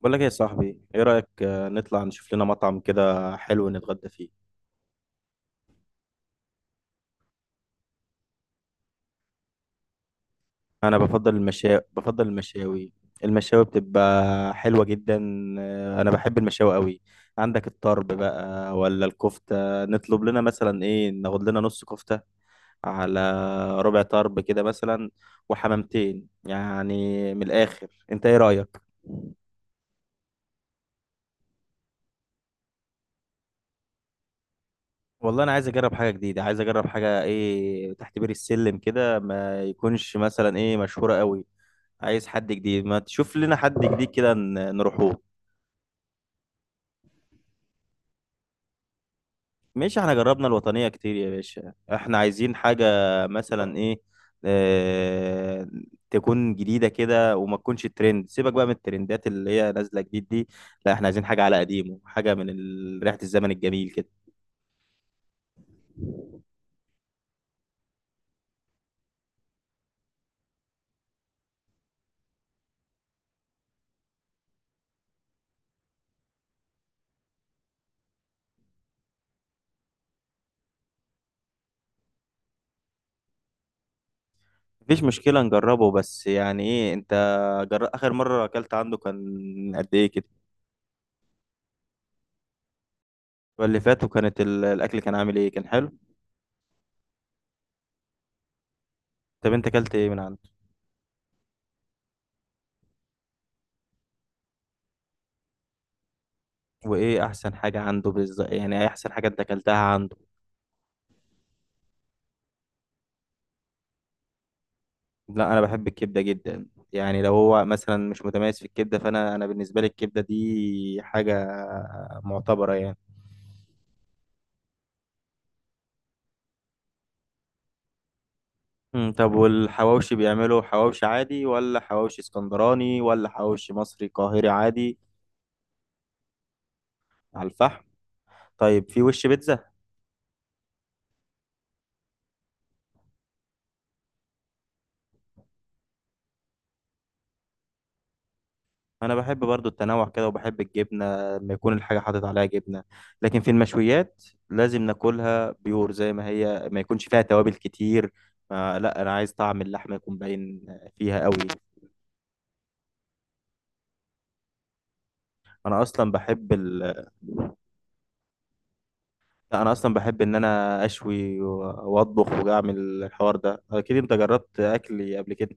بقول لك إيه يا صاحبي، ايه رأيك، نطلع نشوف لنا مطعم كده حلو نتغدى فيه. انا بفضل المشاوي. المشاوي بتبقى حلوة جدا. انا بحب المشاوي قوي. عندك الطرب بقى ولا الكفتة؟ نطلب لنا مثلا ايه، ناخد لنا نص كفتة على ربع طرب كده مثلا، وحمامتين يعني من الاخر. انت ايه رأيك؟ والله انا عايز اجرب حاجه جديده، عايز اجرب حاجه ايه تحت بير السلم كده، ما يكونش مثلا ايه مشهوره قوي. عايز حد جديد، ما تشوف لنا حد جديد كده نروحوه. ماشي، احنا جربنا الوطنية كتير يا باشا، احنا عايزين حاجة مثلا ايه، اه تكون جديدة كده وما تكونش ترند. سيبك بقى من الترندات اللي هي نازلة جديد دي. لا، احنا عايزين حاجة على قديمه، حاجة من ريحة الزمن الجميل كده. مفيش مشكلة نجربه، بس يعني ايه انت، اخر مرة اكلت عنده كان قد ايه كده؟ واللي فات، وكانت الاكل كان عامل ايه، كان حلو؟ طب انت اكلت ايه من عنده؟ وايه احسن حاجه عنده بالظبط، يعني ايه احسن حاجه انت اكلتها عنده؟ لا، انا بحب الكبده جدا. يعني لو هو مثلا مش متميز في الكبده فانا بالنسبه لي الكبده دي حاجه معتبره يعني. طب والحواوشي بيعملوا حواوشي عادي ولا حواوشي اسكندراني ولا حواوشي مصري قاهري عادي؟ على الفحم. طيب في وش بيتزا؟ انا بحب برضو التنوع كده وبحب الجبنه، لما يكون الحاجه حاطط عليها جبنه. لكن في المشويات لازم ناكلها بيور زي ما هي، ما يكونش فيها توابل كتير. ما لا، انا عايز طعم اللحمه يكون باين فيها قوي. انا اصلا بحب لا، انا اصلا بحب ان انا اشوي واطبخ واعمل. الحوار ده اكيد انت جربت اكلي قبل كده.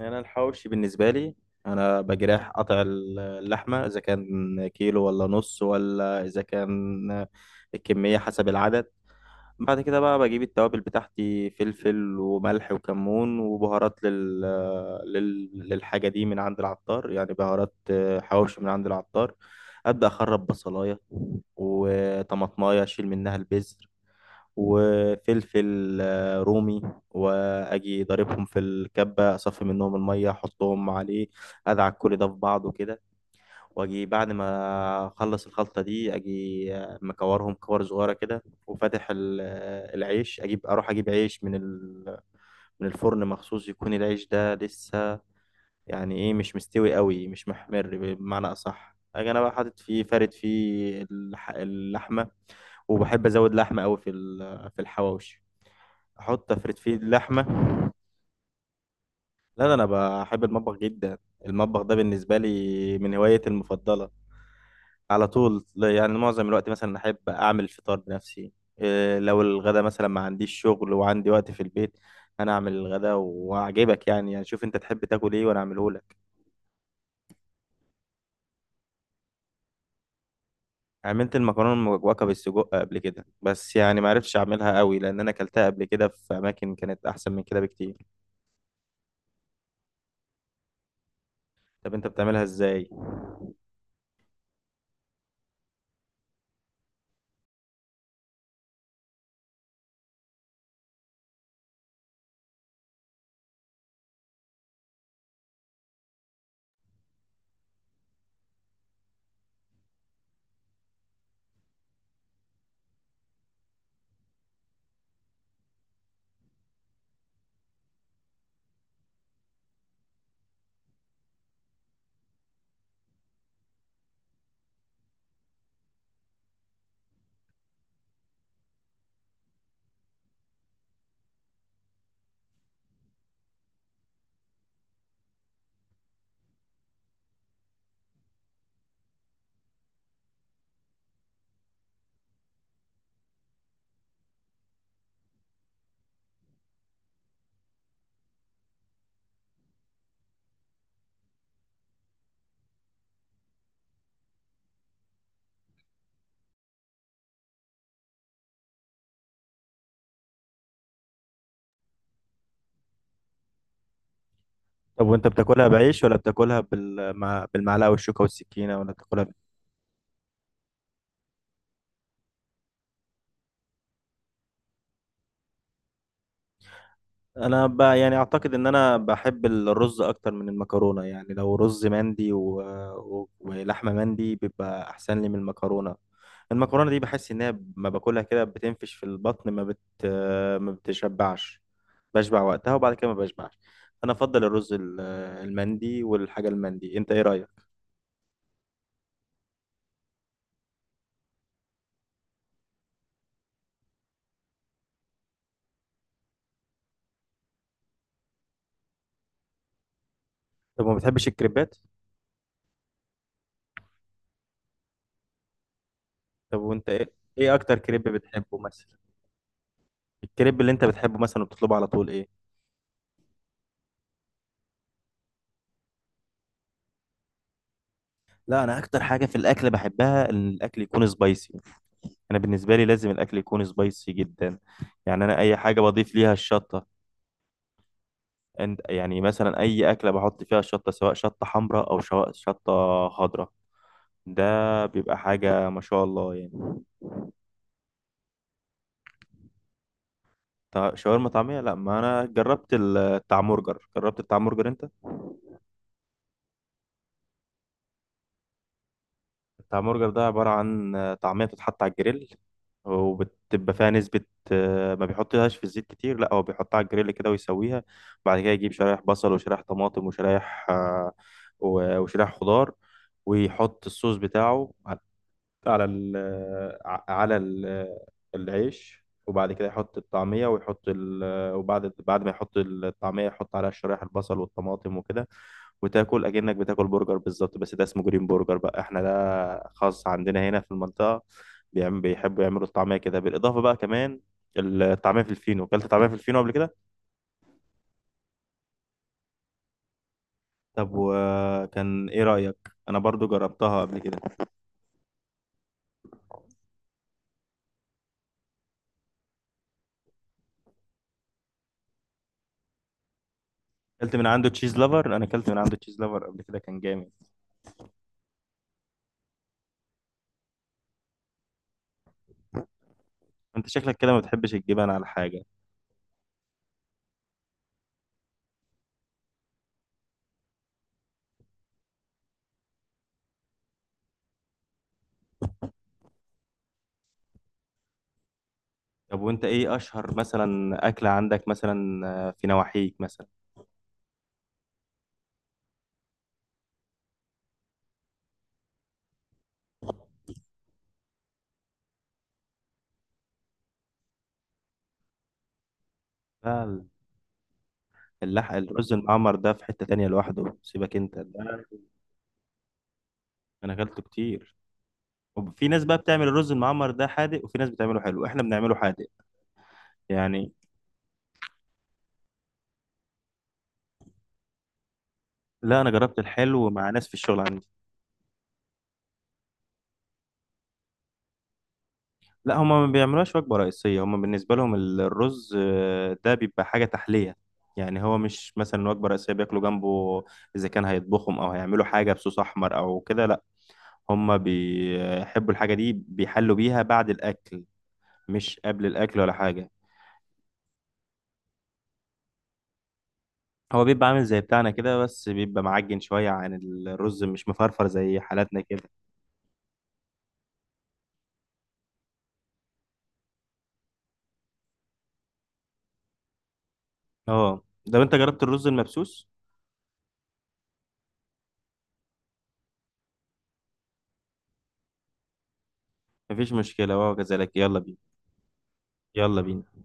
انا الحواوشي بالنسبه لي، انا بجرح قطع اللحمه، اذا كان كيلو ولا نص، ولا اذا كان الكميه حسب العدد. بعد كده بقى بجيب التوابل بتاعتي، فلفل وملح وكمون وبهارات للحاجة دي من عند العطار، يعني بهارات حواوشي من عند العطار. أبدأ أخرب بصلاية وطماطماية، أشيل منها البذر، وفلفل رومي، وأجي ضاربهم في الكبة، أصفي منهم المية، أحطهم عليه، أدعك كل ده في بعضه كده. واجي بعد ما اخلص الخلطه دي مكورهم كور صغيره كده. وفاتح العيش، اروح اجيب عيش من من الفرن مخصوص، يكون العيش ده لسه يعني ايه مش مستوي قوي، مش محمر بمعنى اصح. اجي انا بقى حاطط فيه، فارد فيه اللحمه. وبحب ازود لحمه قوي في في الحواوشي، افرد فيه اللحمه. لا، ده انا بحب المطبخ جدا. المطبخ ده بالنسبه لي من هوايتي المفضله على طول. لا، يعني معظم الوقت مثلا احب اعمل الفطار بنفسي. إيه، لو الغدا مثلا ما عنديش شغل وعندي وقت في البيت، انا اعمل الغدا واعجبك يعني شوف انت تحب تاكل ايه وانا اعمله لك. عملت المكرونه المجوكه بالسجق قبل كده، بس يعني ما عرفتش اعملها قوي، لان انا اكلتها قبل كده في اماكن كانت احسن من كده بكتير. طب انت بتعملها ازاي؟ طب وانت بتاكلها بعيش ولا بتاكلها بالمعلقه والشوكه والسكينه، ولا بتاكلها؟ انا يعني اعتقد ان انا بحب الرز اكتر من المكرونه، يعني لو رز مندي ولحمه مندي بيبقى احسن لي من المكرونه. المكرونه دي بحس ان هي ما باكلها كده بتنفش في البطن، ما بتشبعش، بشبع وقتها وبعد كده ما بشبعش. انا افضل الرز المندي والحاجه المندي. انت ايه رايك؟ طب ما بتحبش الكريبات؟ طب وانت ايه اكتر كريب بتحبه مثلا؟ الكريب اللي انت بتحبه مثلا وبتطلبه على طول ايه؟ لا، انا اكتر حاجه في الاكل بحبها ان الاكل يكون سبايسي. انا بالنسبه لي لازم الاكل يكون سبايسي جدا، يعني انا اي حاجه بضيف ليها الشطه. يعني مثلا اي اكله بحط فيها الشطه، سواء شطه حمراء او شطه خضراء، ده بيبقى حاجه ما شاء الله يعني. شاورما طعميه؟ لا، ما انا جربت التعمورجر، انت؟ بتاع برجر ده عبارة عن طعمية بتتحط على الجريل، وبتبقى فيها نسبة ما بيحطهاش في الزيت كتير، لا هو بيحطها على الجريل كده ويسويها. وبعد كده يجيب شرايح بصل وشرايح طماطم وشرايح وشرايح خضار. ويحط الصوص بتاعه على على ال ع- على ال- العيش، وبعد كده يحط الطعمية ويحط وبعد ما يحط الطعمية يحط عليها شرايح البصل والطماطم وكده. وتاكل اكنك بتاكل برجر بالظبط، بس ده اسمه جرين برجر بقى، احنا ده خاص عندنا هنا في المنطقه. بيحبوا يعملوا الطعميه كده، بالاضافه بقى كمان الطعميه في الفينو. اكلت طعميه في الفينو قبل كده؟ طب وكان ايه رايك؟ انا برضو جربتها قبل كده. اكلت من عنده تشيز لافر انا اكلت من عنده تشيز لافر قبل كده، كان جامد. انت شكلك كده ما بتحبش الجبن على حاجه. طب وانت ايه اشهر مثلا اكله عندك مثلا، في نواحيك مثلا؟ لا، اللحق الرز المعمر ده في حته تانية لوحده، سيبك انت ده. انا اكلته كتير. وفي ناس بقى بتعمل الرز المعمر ده حادق، وفي ناس بتعمله حلو، احنا بنعمله حادق يعني. لا، انا جربت الحلو مع ناس في الشغل عندي. لا، هما ما بيعملوهاش وجبة رئيسية. هما بالنسبة لهم الرز ده بيبقى حاجة تحلية يعني. هو مش مثلا وجبة رئيسية بياكلوا جنبه، إذا كان هيطبخهم أو هيعملوا حاجة بصوص أحمر أو كده. لا، هما بيحبوا الحاجة دي بيحلوا بيها بعد الأكل، مش قبل الأكل ولا حاجة. هو بيبقى عامل زي بتاعنا كده، بس بيبقى معجن شوية عن الرز، مش مفرفر زي حالاتنا كده. اه. طب انت جربت الرز المبسوس؟ مفيش مشكله وهو كذلك، يلا بينا. يلا بينا.